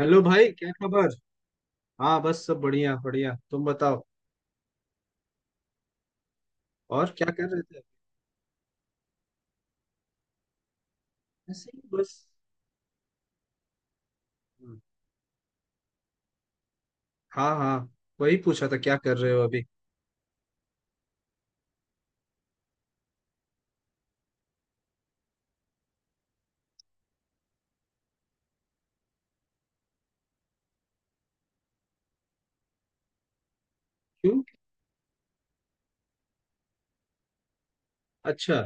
Hello भाई, क्या खबर? हाँ, बस सब बढ़िया बढ़िया। तुम बताओ और क्या कर रहे थे? ऐसे ही बस। हम्म, हाँ हाँ। वही पूछा था, क्या कर रहे हो अभी? क्यों? अच्छा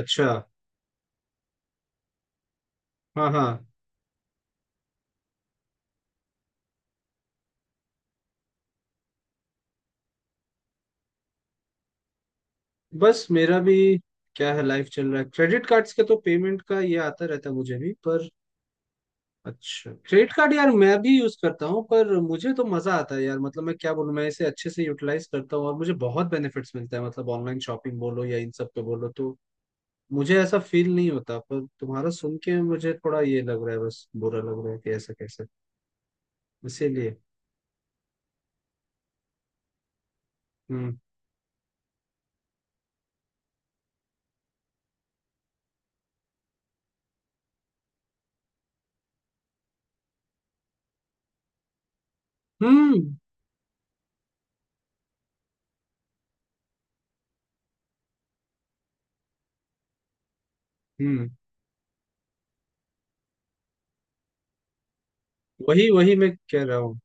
अच्छा। हाँ हाँ। बस मेरा भी, क्या है, लाइफ चल रहा है। क्रेडिट कार्ड्स का तो पेमेंट का ये आता रहता है मुझे भी, पर अच्छा, क्रेडिट कार्ड यार मैं भी यूज करता हूँ, पर मुझे तो मजा आता है यार। मतलब मैं क्या बोलूँ, मैं इसे अच्छे से यूटिलाइज करता हूँ और मुझे बहुत बेनिफिट्स मिलता है। मतलब ऑनलाइन शॉपिंग बोलो या इन सब पे बोलो, तो मुझे ऐसा फील नहीं होता। पर तुम्हारा सुन के मुझे थोड़ा ये लग रहा है, बस बुरा लग रहा है कि ऐसा कैसे। इसीलिए। हम्म। हम्म। हम्म। वही वही मैं कह रहा हूँ।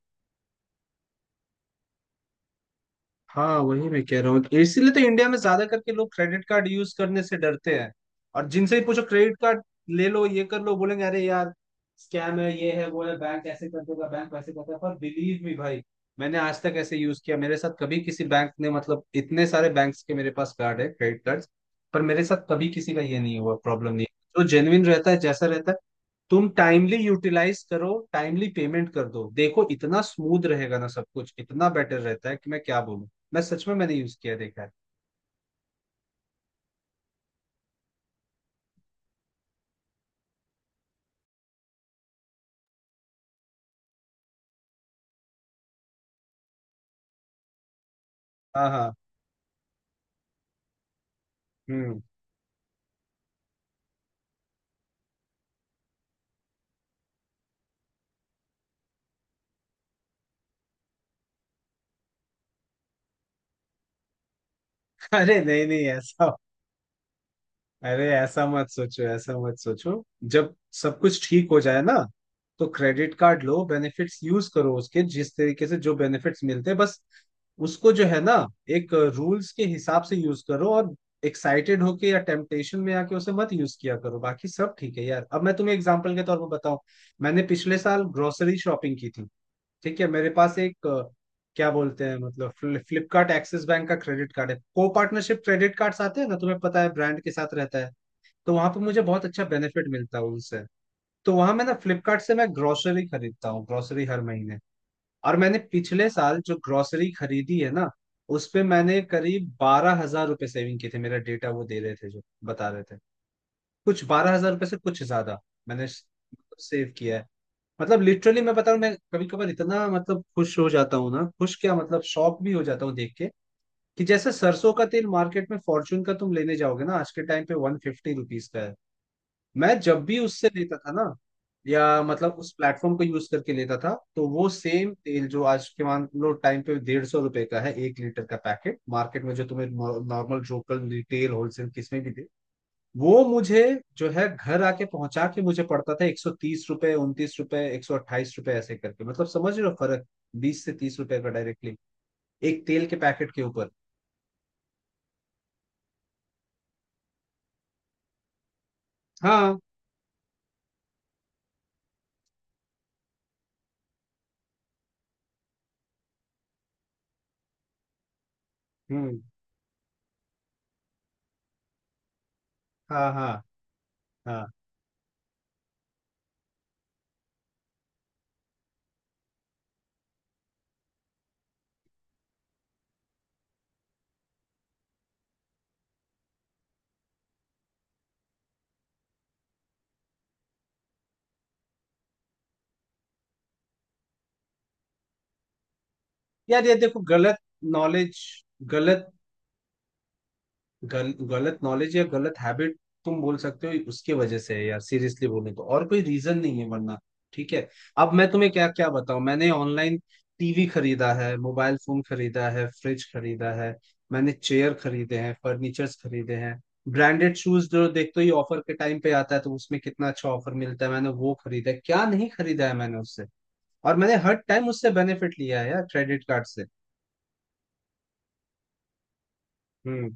हाँ, वही मैं कह रहा हूँ, इसीलिए तो इंडिया में ज्यादा करके लोग क्रेडिट कार्ड यूज करने से डरते हैं। और जिनसे ही पूछो क्रेडिट कार्ड, ले लो ये कर लो बोलेंगे, अरे यार स्कैम है, ये है वो है, बैंक ऐसे कर देगा, बैंक वैसे करता है। पर बिलीव मी भाई, मैंने आज तक ऐसे यूज किया, मेरे साथ कभी किसी बैंक ने, मतलब इतने सारे बैंक्स के मेरे पास कार्ड है क्रेडिट कार्ड। पर मेरे साथ कभी किसी का ये नहीं हुआ, प्रॉब्लम नहीं। जो जेन्युइन रहता है जैसा रहता है, तुम टाइमली यूटिलाइज करो, टाइमली पेमेंट कर दो, देखो इतना स्मूथ रहेगा ना सब कुछ, इतना बेटर रहता है कि मैं क्या बोलूं। मैं सच में मैंने यूज किया देखा है। हाँ हाँ। हम्म। अरे नहीं नहीं ऐसा। अरे ऐसा मत सोचो, ऐसा मत सोचो। जब सब कुछ ठीक हो जाए ना, तो क्रेडिट कार्ड लो, बेनिफिट्स यूज करो उसके, जिस तरीके से जो बेनिफिट्स मिलते हैं, बस उसको जो है ना, एक रूल्स के हिसाब से यूज करो, और एक्साइटेड होके या टेम्पटेशन में आके उसे मत यूज किया करो। बाकी सब ठीक है यार। अब मैं तुम्हें एग्जांपल के तौर पर बताऊं, मैंने पिछले साल ग्रोसरी शॉपिंग की थी। ठीक है, मेरे पास एक क्या बोलते हैं मतलब फ्लिपकार्ट एक्सिस बैंक का क्रेडिट कार्ड है, को पार्टनरशिप क्रेडिट कार्ड्स आते हैं ना, तुम्हें पता है, ब्रांड के साथ रहता है। तो वहां पे मुझे बहुत अच्छा बेनिफिट मिलता है उनसे। तो वहां मैं ना, फ्लिपकार्ट से मैं ग्रोसरी खरीदता हूँ ग्रोसरी, हर महीने। और मैंने पिछले साल जो ग्रोसरी खरीदी है ना, उस पे मैंने करीब 12,000 रुपये सेविंग की थी, मेरा डेटा वो दे रहे थे जो बता रहे थे। कुछ 12,000 रुपये से कुछ ज्यादा मैंने सेव किया है। मतलब लिटरली मैं बता रहा हूँ, मैं कभी कभार इतना मतलब खुश हो जाता हूँ ना, खुश क्या, मतलब शॉक भी हो जाता हूँ देख के कि जैसे सरसों का तेल मार्केट में फॉर्चून का तुम लेने जाओगे ना, आज के टाइम पे 150 रुपीज का है। मैं जब भी उससे लेता था ना, या मतलब उस प्लेटफॉर्म को यूज करके लेता था, तो वो सेम तेल, जो आज के मान लो टाइम पे 150 रुपए का है एक लीटर का पैकेट मार्केट में, जो तुम्हें नॉर्मल लोकल रिटेल होलसेल किसमें भी, वो मुझे जो है घर आके पहुंचा के मुझे पड़ता था 130 रुपए, 29 रुपए, 128 रुपए, ऐसे करके, मतलब समझ रहे हो फर्क? 20 से 30 रुपए का डायरेक्टली एक तेल के पैकेट के ऊपर। हाँ। हम्म। हाँ हाँ हाँ। यार ये देखो गलत नॉलेज, गलत गलत नॉलेज या गलत हैबिट, तुम बोल सकते हो, उसके वजह से है यार, सीरियसली बोले तो और कोई रीजन नहीं है वरना। ठीक है, अब मैं तुम्हें क्या क्या बताऊं। मैंने ऑनलाइन टीवी खरीदा है, मोबाइल फोन खरीदा है, फ्रिज खरीदा है, मैंने चेयर खरीदे हैं, फर्नीचर्स खरीदे हैं। ब्रांडेड शूज जो देखते ही ऑफर के टाइम पे आता है तो उसमें कितना अच्छा ऑफर मिलता है, मैंने वो खरीदा है। क्या नहीं खरीदा है मैंने उससे, और मैंने हर टाइम उससे बेनिफिट लिया है यार क्रेडिट कार्ड से। हम्म।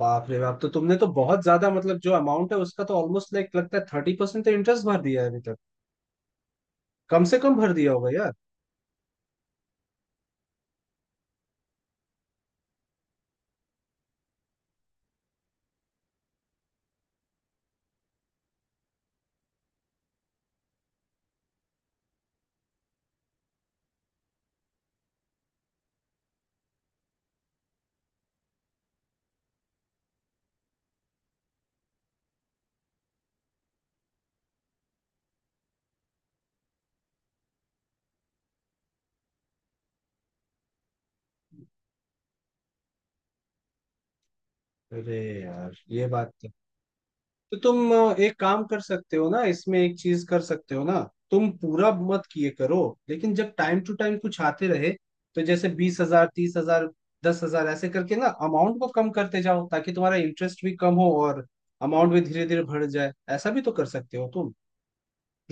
बाप रे बाप, तो तुमने तो बहुत ज्यादा, मतलब जो अमाउंट है उसका तो ऑलमोस्ट लाइक लगता है 30% तो इंटरेस्ट भर दिया है अभी तक। कम से कम भर दिया होगा यार। अरे यार, ये बात तो तुम एक काम कर सकते हो ना इसमें, एक चीज कर सकते हो ना। तुम पूरा मत किए करो, लेकिन जब टाइम टू टाइम कुछ आते रहे, तो जैसे 20,000, 30,000, 10,000, ऐसे करके ना अमाउंट को कम करते जाओ, ताकि तुम्हारा इंटरेस्ट भी कम हो और अमाउंट भी धीरे धीरे बढ़ जाए। ऐसा भी तो कर सकते हो तुम।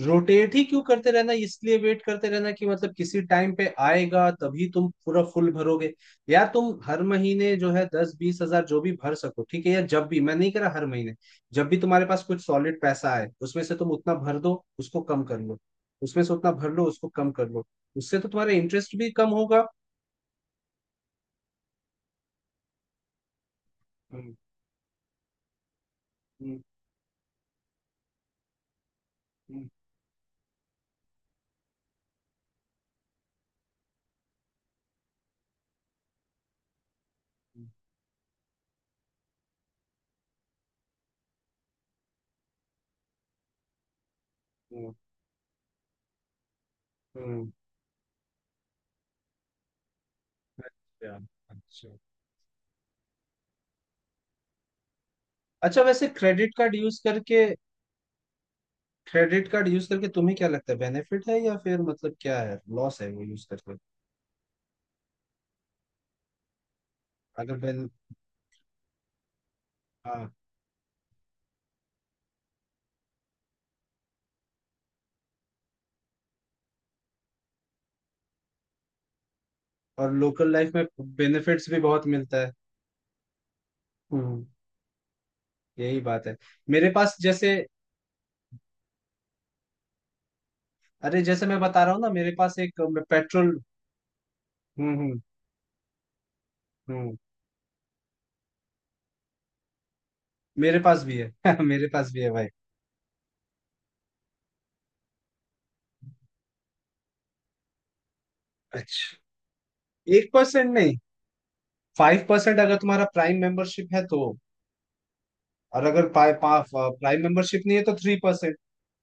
रोटेट ही क्यों करते रहना, इसलिए वेट करते रहना कि मतलब किसी टाइम पे आएगा तभी तुम पूरा फुल भरोगे? या तुम हर महीने जो है दस बीस हजार जो भी भर सको, ठीक है? या जब भी, मैं नहीं कह रहा हर महीने, जब भी तुम्हारे पास कुछ सॉलिड पैसा आए, उसमें से तुम उतना भर दो, उसको कम कर लो। उसमें से उतना भर लो, उसको कम कर लो। उससे तो तुम्हारा इंटरेस्ट भी कम होगा। हम्म। हम्म। हम्म। हम्म, हम्म। अच्छा अच्छा। अच्छा वैसे क्रेडिट कार्ड यूज करके तुम्हें क्या लगता है, बेनिफिट है या फिर मतलब क्या है, लॉस है वो यूज करके? अगर बेन हाँ। और लोकल लाइफ में बेनिफिट्स भी बहुत मिलता है। हम्म। यही बात है, मेरे पास जैसे, अरे जैसे मैं बता रहा हूँ ना, मेरे पास एक पेट्रोल। हम्म। हम्म। हम्म। मेरे पास भी है। मेरे पास भी है भाई। अच्छा, 1% नहीं, 5%, अगर तुम्हारा प्राइम मेंबरशिप है तो। और अगर प्राइम मेंबरशिप नहीं है तो 3%।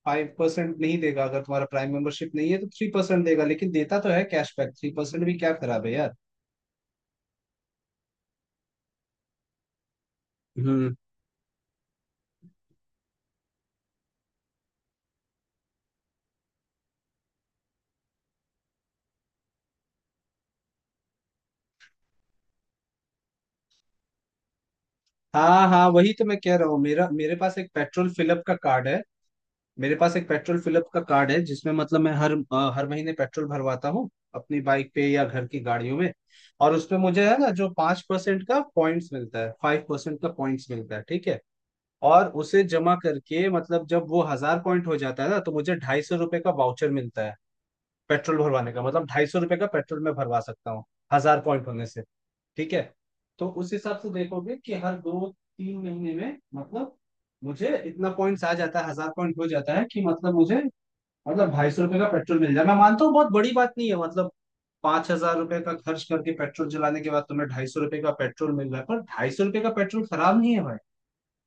5% नहीं देगा, अगर तुम्हारा प्राइम मेंबरशिप नहीं है तो थ्री परसेंट देगा, लेकिन देता तो है कैशबैक, 3% भी क्या खराब है यार। हम्म। हाँ हाँ, वही तो मैं कह रहा हूँ, मेरा मेरे पास एक पेट्रोल फिलअप का कार्ड है। मेरे पास एक पेट्रोल फिलअप का कार्ड है, जिसमें मतलब मैं हर महीने पेट्रोल भरवाता हूँ अपनी बाइक पे या घर की गाड़ियों में। और उसपे मुझे है ना, जो 5% का पॉइंट्स मिलता है, 5% का पॉइंट्स मिलता है, ठीक है। और उसे जमा करके, मतलब जब वो 1,000 पॉइंट हो जाता है ना, तो मुझे 250 रुपए का वाउचर मिलता है पेट्रोल भरवाने का, मतलब 250 रुपये का पेट्रोल मैं भरवा सकता हूँ 1,000 पॉइंट होने से, ठीक है। तो उस हिसाब से देखोगे कि हर 2-3 महीने में, मतलब मुझे इतना पॉइंट्स आ जाता है, 1,000 पॉइंट हो जाता है, कि मतलब मुझे, मतलब ढाई सौ रुपये का पेट्रोल मिल जाए। मैं मानता हूँ बहुत बड़ी बात नहीं है मतलब, 5,000 रुपये का खर्च करके पेट्रोल जलाने के बाद तुम्हें 250 रुपये का पेट्रोल मिल रहा है, पर 250 रुपये का पेट्रोल खराब नहीं है भाई।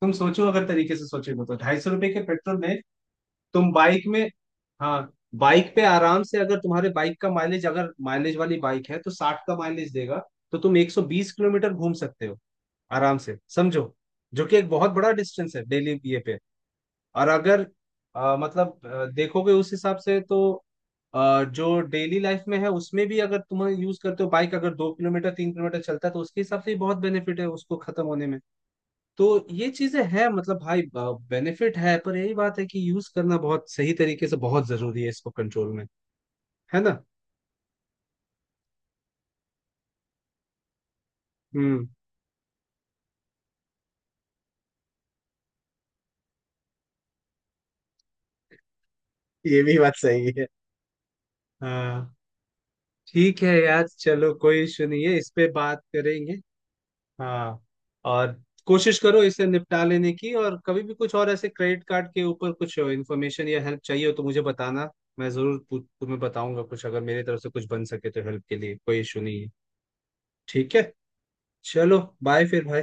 तुम सोचो, अगर तरीके से सोचेगे तो 250 रुपए के पेट्रोल में तुम बाइक में, हाँ, बाइक पे आराम से, अगर तुम्हारे बाइक का माइलेज, अगर माइलेज वाली बाइक है, तो 60 का माइलेज देगा, तो तुम 120 किलोमीटर घूम सकते हो आराम से, समझो। जो कि एक बहुत बड़ा डिस्टेंस है डेली ये पे। और अगर मतलब देखोगे उस हिसाब से तो, जो डेली लाइफ में है उसमें भी, अगर तुम यूज करते हो बाइक, अगर 2 किलोमीटर 3 किलोमीटर चलता है, तो उसके हिसाब से भी बहुत बेनिफिट है उसको खत्म होने में। तो ये चीजें हैं, मतलब भाई बेनिफिट है, पर यही बात है कि यूज करना बहुत सही तरीके से बहुत जरूरी है, इसको कंट्रोल में, है ना। हम्म। ये भी बात सही है। हाँ। ठीक है यार, चलो कोई इशू नहीं है, इस पे बात करेंगे। हाँ। और कोशिश करो इसे निपटा लेने की, और कभी भी कुछ और ऐसे क्रेडिट कार्ड के ऊपर कुछ इन्फॉर्मेशन या हेल्प चाहिए हो तो मुझे बताना। मैं जरूर तुम्हें बताऊंगा कुछ, अगर मेरी तरफ से कुछ बन सके तो हेल्प के लिए कोई इशू नहीं है। ठीक है, चलो बाय फिर भाई।